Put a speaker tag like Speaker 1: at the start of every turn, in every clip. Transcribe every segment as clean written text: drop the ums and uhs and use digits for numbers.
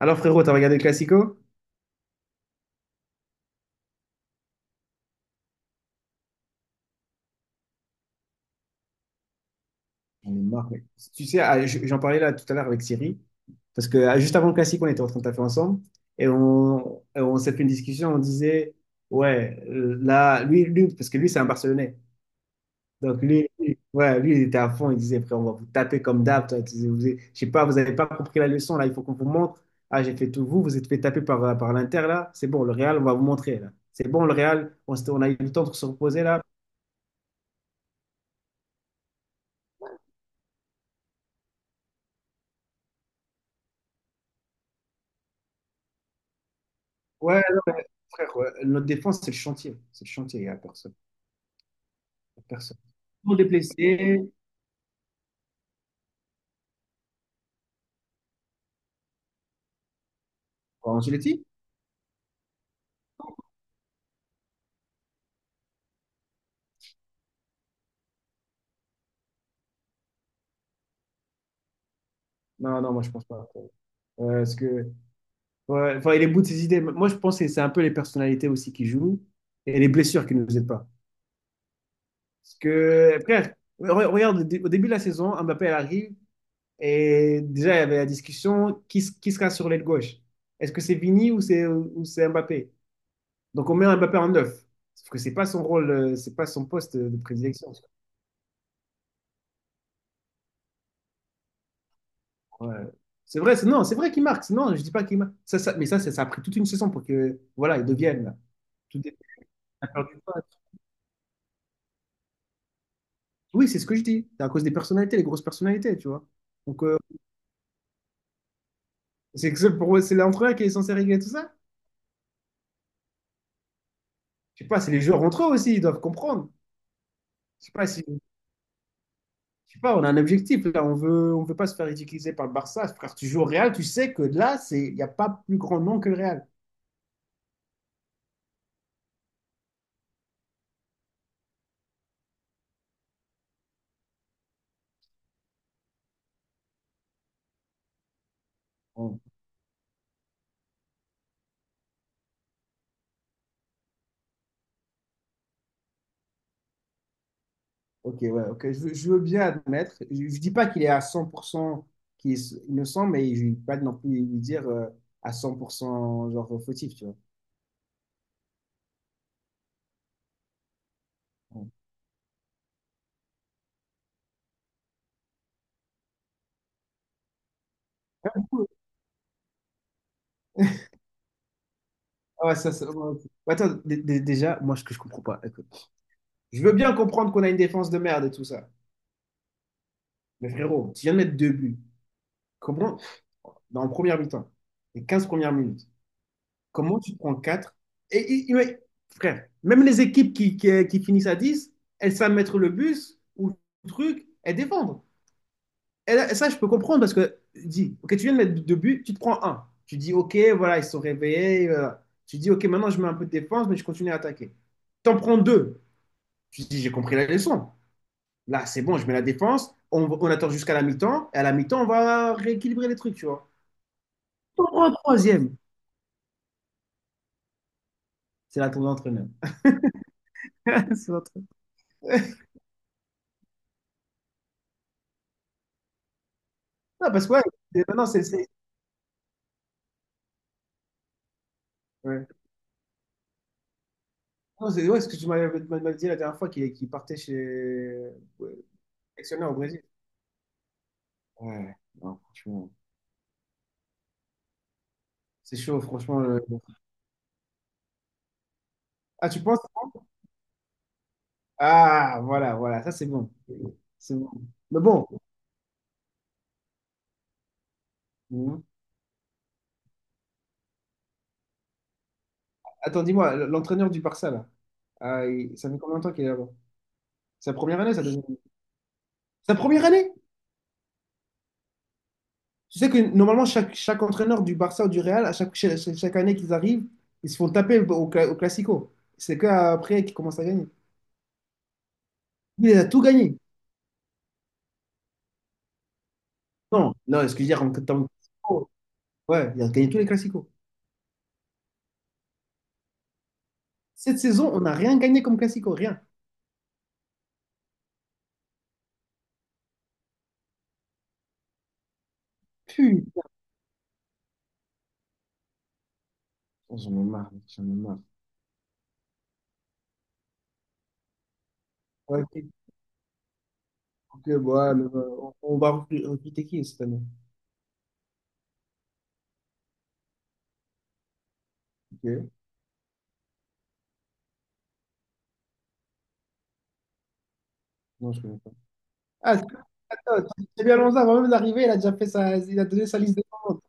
Speaker 1: Alors frérot, t'as regardé le Classico? J'en ai marre, mec. Tu sais, j'en parlais là tout à l'heure avec Siri, parce que juste avant le Classico, on était en train de taper ensemble, et on s'est fait une discussion, on disait, ouais, là, parce que lui, c'est un Barcelonais. Donc ouais, lui, il était à fond, il disait, frère, on va vous taper comme d'hab, toi. Tu sais, je sais pas, vous n'avez pas compris la leçon, là, il faut qu'on vous montre. Ah, j'ai fait tout vous êtes fait taper par, l'Inter, là, c'est bon, le Real, on va vous montrer, là. C'est bon, le Real, on a eu le temps de se reposer, là. Ouais, non, mais, frère, ouais, notre défense, c'est le chantier. C'est le chantier, il n'y a personne. Y a personne. Pour les blessés. Angelotti? Non, non, moi, je pense pas. Parce que, ouais, enfin, il est bout de ses idées. Moi, je pense que c'est un peu les personnalités aussi qui jouent et les blessures qui ne nous aident pas. Parce que, frère, regarde, au début de la saison, Mbappé, elle arrive et déjà, il y avait la discussion qui sera sur l'aile gauche? Est-ce que c'est Vini ou c'est Mbappé? Donc, on met Mbappé en neuf. Sauf que c'est pas son rôle, c'est pas son poste de prédilection. Ouais. C'est vrai, non, c'est vrai qu'il marque. Non, je dis pas qu'il marque. Mais ça a pris toute une saison pour que, voilà, ils deviennent là. Tout est- on a perdu le pas. Oui, c'est ce que je dis. C'est à cause des personnalités, les grosses personnalités, tu vois. Donc, c'est que c'est pour moi, c'est l'entraîneur qui est censé régler tout ça. Je sais pas, c'est les joueurs entre eux aussi, ils doivent comprendre. Je sais pas si, je sais pas, on a un objectif là. On veut pas se faire ridiculiser par le Barça. Frère, tu joues au Real, tu sais que là, c'est, il y a pas plus grand nom que le Real. Bon. Ok, ouais, ok. Je veux bien admettre. Je ne dis pas qu'il est à 100% qu'il est innocent, mais je ne vais pas non plus lui dire à 100% genre fautif, tu vois. Ouais. Ah ouais, ouais, ok. Ouais, attends, déjà, moi, ce que je comprends pas, écoute. Je veux bien comprendre qu'on a une défense de merde et tout ça. Mais frérot, tu viens de mettre deux buts. Comment, dans le premier mi-temps, les 15 premières minutes, comment tu prends quatre? Et, et ouais, frère, même les équipes qui finissent à dix, elles savent mettre le bus ou le truc et défendre. Et là, ça, je peux comprendre parce que dis, ok, tu viens de mettre deux buts, tu te prends un. Tu dis, ok, voilà, ils se sont réveillés. Tu dis, ok, maintenant je mets un peu de défense, mais je continue à attaquer. T'en prends deux. Tu dis, j'ai compris la leçon. Là, c'est bon, je mets la défense. On attend jusqu'à la mi-temps. Et à la mi-temps, on va rééquilibrer les trucs, tu vois. T'en prends un troisième. C'est là ton entraîneur. C'est notre- Non, parce que ouais, c'est- maintenant, c'est. c'est- Ouais. Non, c'est ouais, ce que tu m'avais dit la dernière fois qu'il partait chez. Ouais, sélectionneur au Brésil. Ouais, non, franchement. C'est chaud, franchement. Ah, tu penses, hein? Ah, voilà, voilà, ça c'est bon. C'est bon. Mais bon, mhm. Attends, dis-moi, l'entraîneur du Barça, là, ça fait combien de temps qu'il est là-bas? Sa première année, sa deuxième année? Sa première année? Tu sais que normalement, chaque entraîneur du Barça ou du Real, chaque année qu'ils arrivent, ils se font taper au Classico. C'est qu'après qu'ils commencent à gagner. Lui, il a tout gagné. Non, non, excusez en tant que Classico. Ouais, il a gagné tous les Classicos. Cette saison, on n'a rien gagné comme Classico, rien. Putain. Oh, j'en ai marre, mec, j'en ai marre. Ok, ok, bon, ouais, mais, on va recruter qui cette année? Ok? Non, je connais pas. Ah, c'est attends, c'est bien Alonso, avant même d'arriver, il a déjà fait sa, il a donné sa liste de commandes.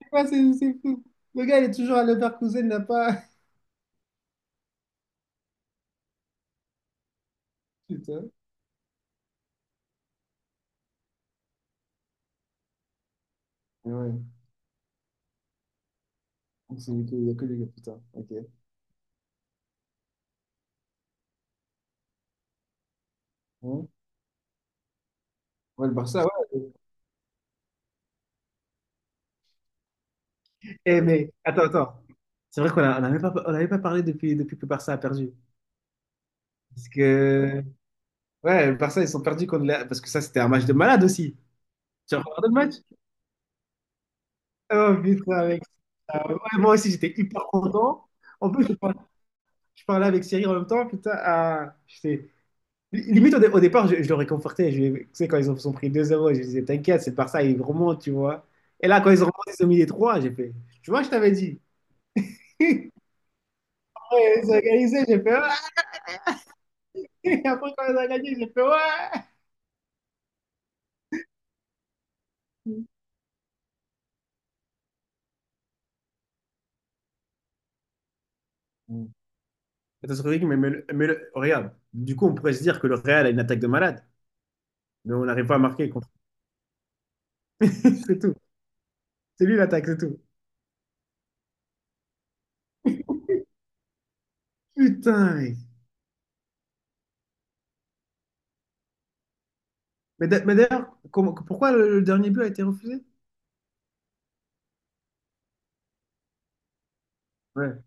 Speaker 1: C'est quoi, c'est fou. Le gars, il est toujours à Leverkusen, il n'a pas. Putain. Mais ouais, il y a que les gars, putain. Ok. Hein. Ouais, le Barça, ouais. Eh, mais attends, attends. C'est vrai on n'avait pas, on avait pas parlé depuis, depuis que le Barça a perdu. Parce que, ouais, le Barça, ils sont perdus parce que ça, c'était un match de malade aussi. Tu as regardé le match? Oh putain, mec. Ouais, moi aussi, j'étais hyper content. En plus, je parlais avec Cyril en même temps. Putain, ah, limite, au départ, je le réconfortais. Tu sais, quand ils sont pris deux 0, je disais, t'inquiète, c'est par ça, ils remontent, tu vois. Et là, quand ils ont remonté, ils ont mis les trois, j'ai fait, tu vois, je t'avais dit. Ouais, ils ont organisé, j'ai fait, ouais. Après, quand ils ont gagné, j'ai fait, ouais. Mm. Attends, Cédric, mais, regarde, du coup, on pourrait se dire que le Real a une attaque de malade, mais on n'arrive pas à marquer contre. C'est tout. C'est lui l'attaque, c'est tout. Putain, mec. Mais mais d'ailleurs, comment, pourquoi le dernier but a été refusé? Ouais.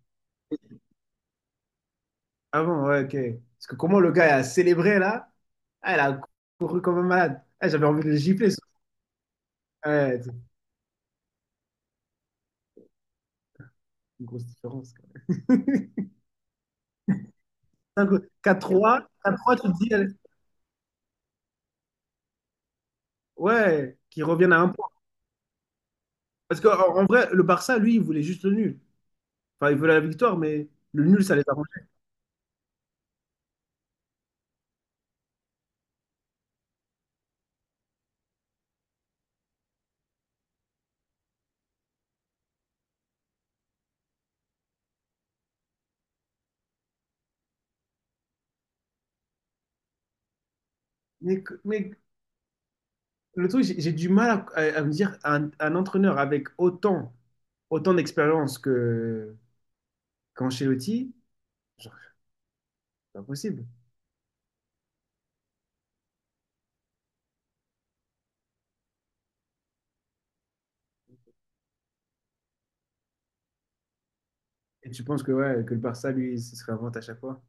Speaker 1: Ah bon, ouais, ok. Parce que comment le gars a célébré là? Ah, il a couru comme un malade. Ah, j'avais envie de le gifler, ça. Ouais, c'est une grosse différence, quoi. 5 quatre trois 4-3, tu te dis, allez, ouais, qu'ils reviennent à un point. Parce qu'en en en vrai, le Barça, lui, il voulait juste le nul. Enfin, il voulait la victoire, mais le nul, ça les arrangeait. Mais, le truc, j'ai du mal à, à me dire, un entraîneur avec autant d'expérience que qu'Ancelotti, genre, c'est pas possible. Et tu penses que, ouais, que le Barça, lui, ce serait un vente à chaque fois?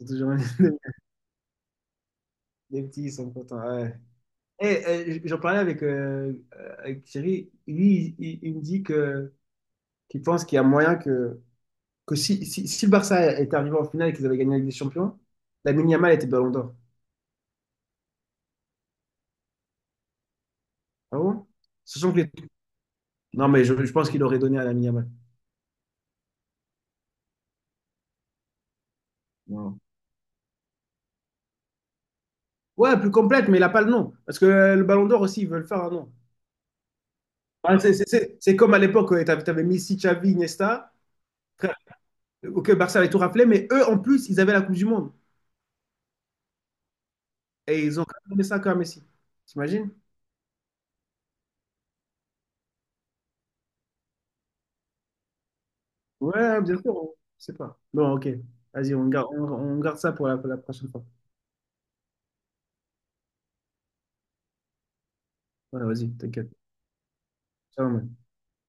Speaker 1: Ils sont toujours les petits, ils sont contents. Ouais. Et j'en parlais avec, avec Thierry. Lui, il me dit que qu'il pense qu'il y a moyen que si, le Barça était arrivé en finale et qu'ils avaient gagné la Ligue des Champions, Lamine Yamal était Ballon d'Or. Ah bon? Sachant que non, mais je pense qu'il aurait donné à Lamine Yamal. Non. Ouais, plus complète, mais il n'a pas le nom. Parce que le Ballon d'Or aussi, ils veulent faire un nom. Ah, c'est comme à l'époque, tu avais Messi, Xavi, Iniesta. Ok, Barça avait tout raflé, mais eux, en plus, ils avaient la Coupe du Monde. Et ils ont quand même donné ça à Messi. T'imagines? Ouais, bien sûr. Je sais pas. Bon, ok. Vas-y, on garde, on garde ça pour la prochaine fois. Ouais, vas-y, t'inquiète. Ça va, mec.